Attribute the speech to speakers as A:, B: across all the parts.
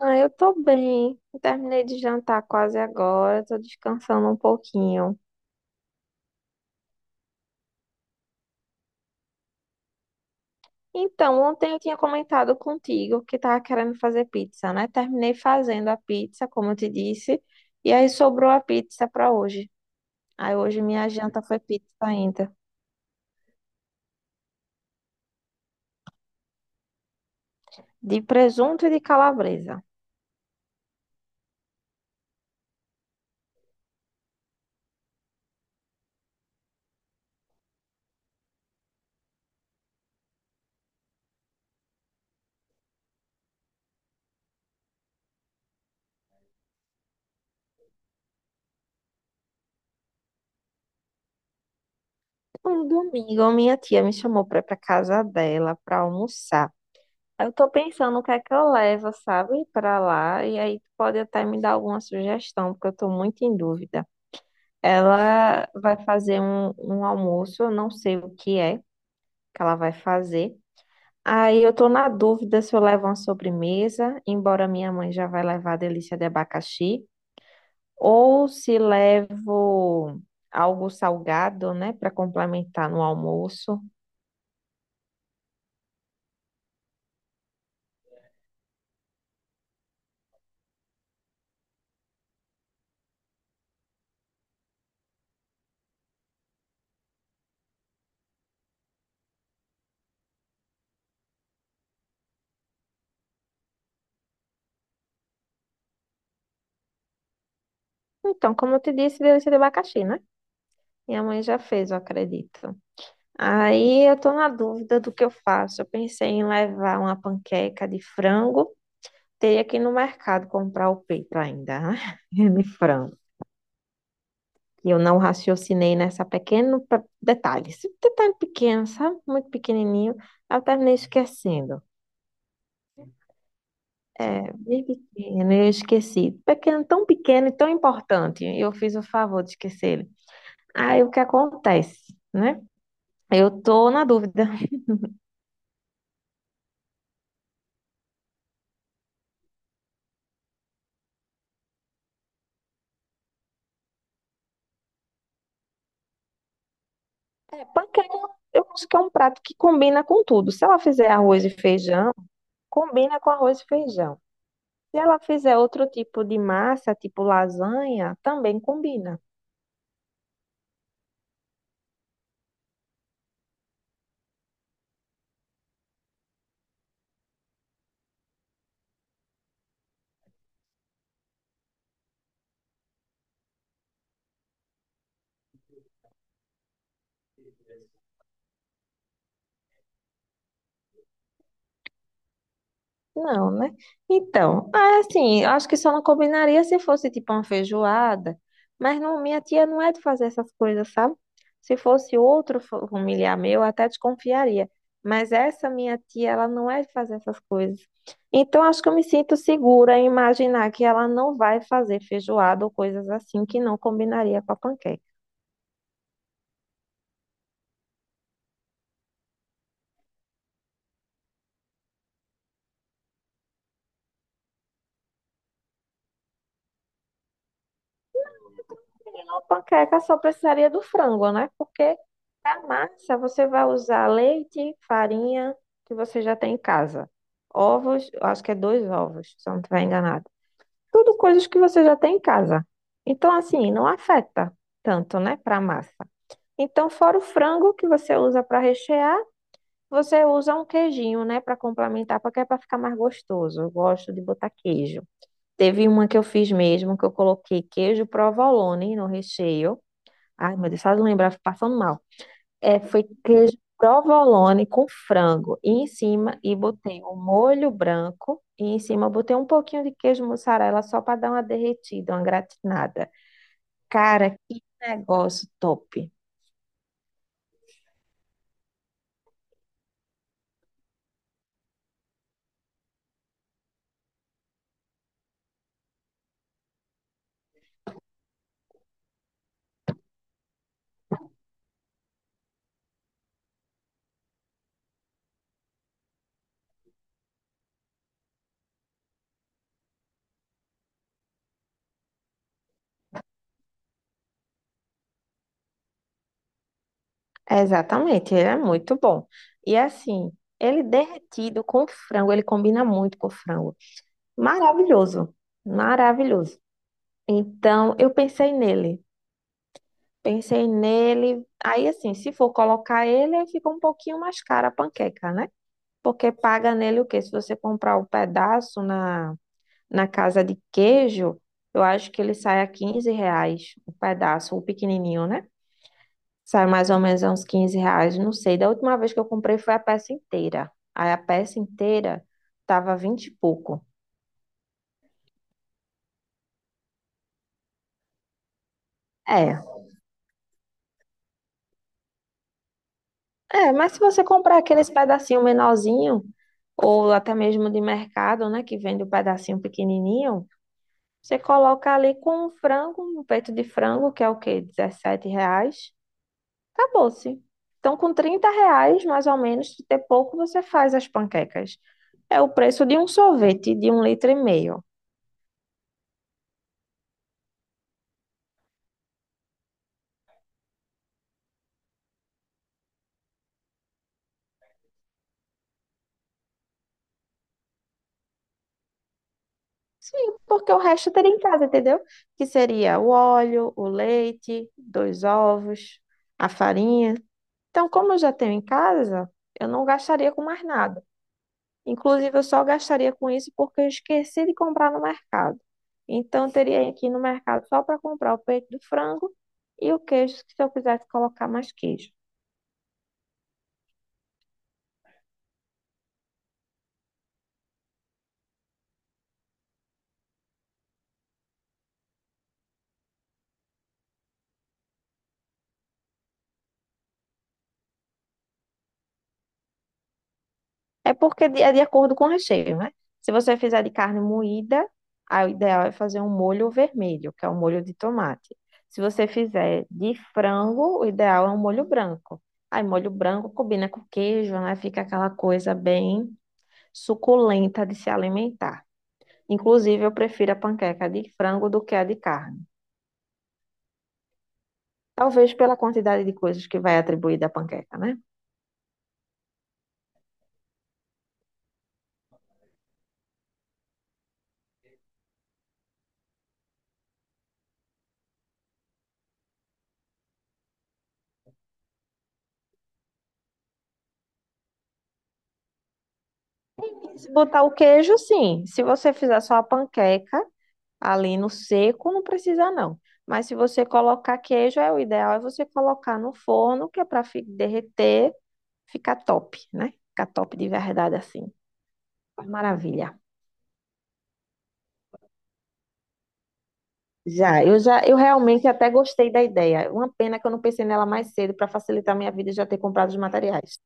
A: Ah, eu tô bem. Eu terminei de jantar quase agora, tô descansando um pouquinho. Então, ontem eu tinha comentado contigo que tava querendo fazer pizza, né? Terminei fazendo a pizza, como eu te disse, e aí sobrou a pizza pra hoje. Aí hoje minha janta foi pizza ainda, de presunto e de calabresa. Um domingo, minha tia me chamou pra ir pra casa dela pra almoçar. Eu tô pensando o que é que eu levo, sabe, pra lá, e aí tu pode até me dar alguma sugestão, porque eu tô muito em dúvida. Ela vai fazer um almoço, eu não sei o que é que ela vai fazer. Aí eu tô na dúvida se eu levo uma sobremesa, embora minha mãe já vai levar a delícia de abacaxi, ou se levo algo salgado, né, para complementar no almoço. Então, como eu te disse, delícia de abacaxi, né? Minha mãe já fez, eu acredito. Aí eu tô na dúvida do que eu faço. Eu pensei em levar uma panqueca de frango. Teria que ir no mercado comprar o peito ainda, né? de frango. E eu não raciocinei detalhe. Esse detalhe pequeno, sabe? Muito pequenininho. Eu terminei esquecendo. É, bem pequeno, eu esqueci. Pequeno, tão pequeno e tão importante. E eu fiz o favor de esquecer ele. Aí o que acontece, né? Eu tô na dúvida. É, panqueca, eu acho que é um prato que combina com tudo. Se ela fizer arroz e feijão, combina com arroz e feijão. Se ela fizer outro tipo de massa, tipo lasanha, também combina. Não, né? Então, ah, assim, eu acho que só não combinaria se fosse tipo uma feijoada, mas não, minha tia não é de fazer essas coisas, sabe? Se fosse outro familiar meu, eu até desconfiaria, mas essa minha tia, ela não é de fazer essas coisas. Então, acho que eu me sinto segura em imaginar que ela não vai fazer feijoada ou coisas assim que não combinaria com a panqueca. Uma panqueca só precisaria do frango, né? Porque a massa você vai usar leite, farinha, que você já tem em casa. Ovos, eu acho que é dois ovos, se eu não estiver enganado. Tudo coisas que você já tem em casa. Então, assim, não afeta tanto, né, para a massa. Então, fora o frango que você usa para rechear, você usa um queijinho, né, para complementar, porque é para ficar mais gostoso. Eu gosto de botar queijo. Teve uma que eu fiz mesmo, que eu coloquei queijo provolone no recheio. Ai, meu Deus, só eu lembrar, eu fico passando mal. É, foi queijo provolone com frango. E em cima, e botei um molho branco. E em cima, eu botei um pouquinho de queijo mussarela só para dar uma derretida, uma gratinada. Cara, que negócio top. É, exatamente, ele é muito bom. E assim, ele derretido com frango, ele combina muito com frango. Maravilhoso, maravilhoso. Então, eu pensei nele. Pensei nele. Aí, assim, se for colocar ele, aí fica um pouquinho mais cara a panqueca, né? Porque paga nele o quê? Se você comprar um pedaço na casa de queijo, eu acho que ele sai a 15 reais o pedaço, o pequenininho, né? Sai mais ou menos a uns 15 reais, não sei. Da última vez que eu comprei foi a peça inteira. Aí a peça inteira tava 20 e pouco. É, É, mas se você comprar aqueles pedacinho menorzinho, ou até mesmo de mercado, né, que vende o pedacinho pequenininho, você coloca ali com um frango, um peito de frango, que é o quê? R$ reais, acabou-se. Então, com 30 reais, mais ou menos, de ter pouco, você faz as panquecas. É o preço de um sorvete de um litro e meio. Sim, porque o resto teria em casa, entendeu? Que seria o óleo, o leite, dois ovos, a farinha. Então, como eu já tenho em casa, eu não gastaria com mais nada. Inclusive, eu só gastaria com isso porque eu esqueci de comprar no mercado. Então, eu teria que ir no mercado só para comprar o peito do frango e o queijo, se eu quisesse colocar mais queijo. É porque é de acordo com o recheio, né? Se você fizer de carne moída, aí o ideal é fazer um molho vermelho, que é o molho de tomate. Se você fizer de frango, o ideal é um molho branco. Aí, molho branco combina com queijo, né? Fica aquela coisa bem suculenta de se alimentar. Inclusive, eu prefiro a panqueca de frango do que a de carne. Talvez pela quantidade de coisas que vai atribuir da panqueca, né? Se botar o queijo, sim. Se você fizer só a panqueca ali no seco, não precisa não. Mas se você colocar queijo, é o ideal é você colocar no forno, que é para derreter, ficar top, né? Ficar top de verdade assim. Maravilha. Já, eu realmente até gostei da ideia. Uma pena que eu não pensei nela mais cedo para facilitar minha vida e já ter comprado os materiais.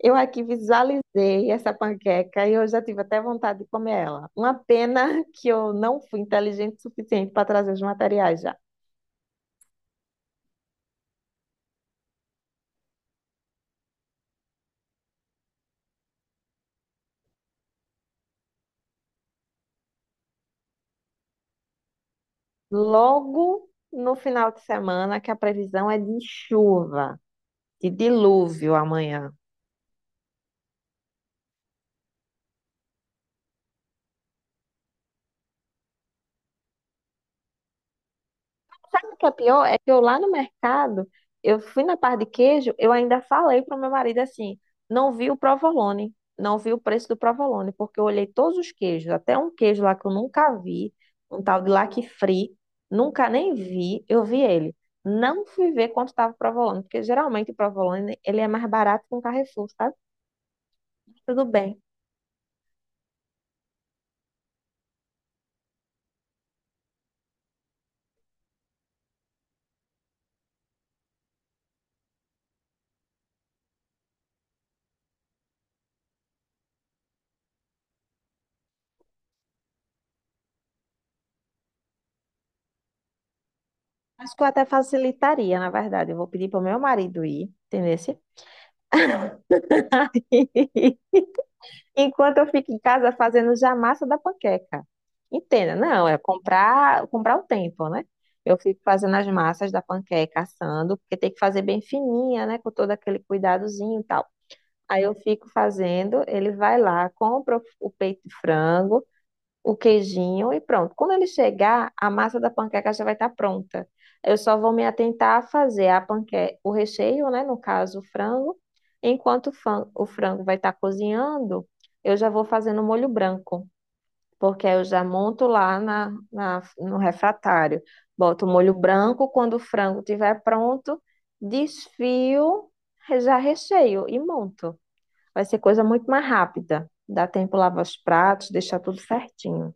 A: Eu aqui visualizei essa panqueca e eu já tive até vontade de comer ela. Uma pena que eu não fui inteligente o suficiente para trazer os materiais já. Logo no final de semana, que a previsão é de chuva, de dilúvio amanhã. Sabe o que é pior? É que eu lá no mercado, eu fui na parte de queijo, eu ainda falei pro meu marido assim, não vi o provolone, não vi o preço do provolone, porque eu olhei todos os queijos, até um queijo lá que eu nunca vi, um tal de lac free, nunca nem vi, eu vi ele. Não fui ver quanto estava o provolone, porque geralmente o provolone, ele é mais barato que um Carrefour, sabe? Tudo bem. Acho que eu até facilitaria, na verdade. Eu vou pedir pro meu marido ir, entendeu? Enquanto eu fico em casa fazendo já a massa da panqueca. Entenda, não, é comprar o tempo, né? Eu fico fazendo as massas da panqueca, assando, porque tem que fazer bem fininha, né? Com todo aquele cuidadozinho e tal. Aí eu fico fazendo, ele vai lá, compra o peito de frango, o queijinho e pronto. Quando ele chegar, a massa da panqueca já vai estar pronta. Eu só vou me atentar a fazer a panqueca, o recheio, né? No caso, o frango. Enquanto o o frango vai estar cozinhando, eu já vou fazendo o molho branco, porque aí eu já monto lá no refratário. Boto o molho branco, quando o frango estiver pronto, desfio, já recheio e monto. Vai ser coisa muito mais rápida. Dá tempo lavar os pratos, deixar tudo certinho.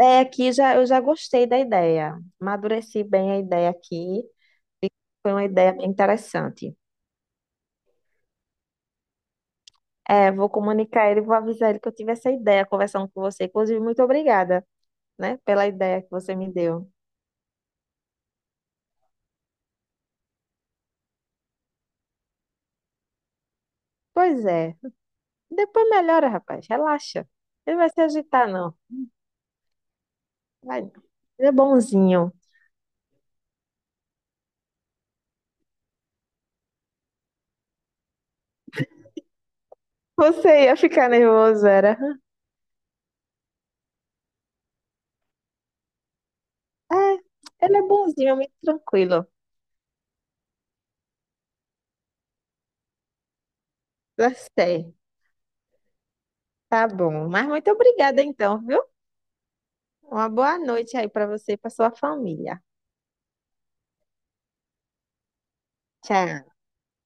A: É, aqui já, eu já gostei da ideia. Amadureci bem a ideia aqui. Foi uma ideia bem interessante. É, vou comunicar ele, vou avisar ele que eu tive essa ideia conversando com você. Inclusive, muito obrigada, né, pela ideia que você me deu. Pois é. Depois melhora, rapaz. Relaxa. Ele vai se agitar, não. Vai. Ele é bonzinho. Você ia ficar nervoso, era. É, ele é bonzinho, é muito tranquilo. Já sei. Tá bom. Mas muito obrigada, então, viu? Uma boa noite aí para você e para sua família. Tchau.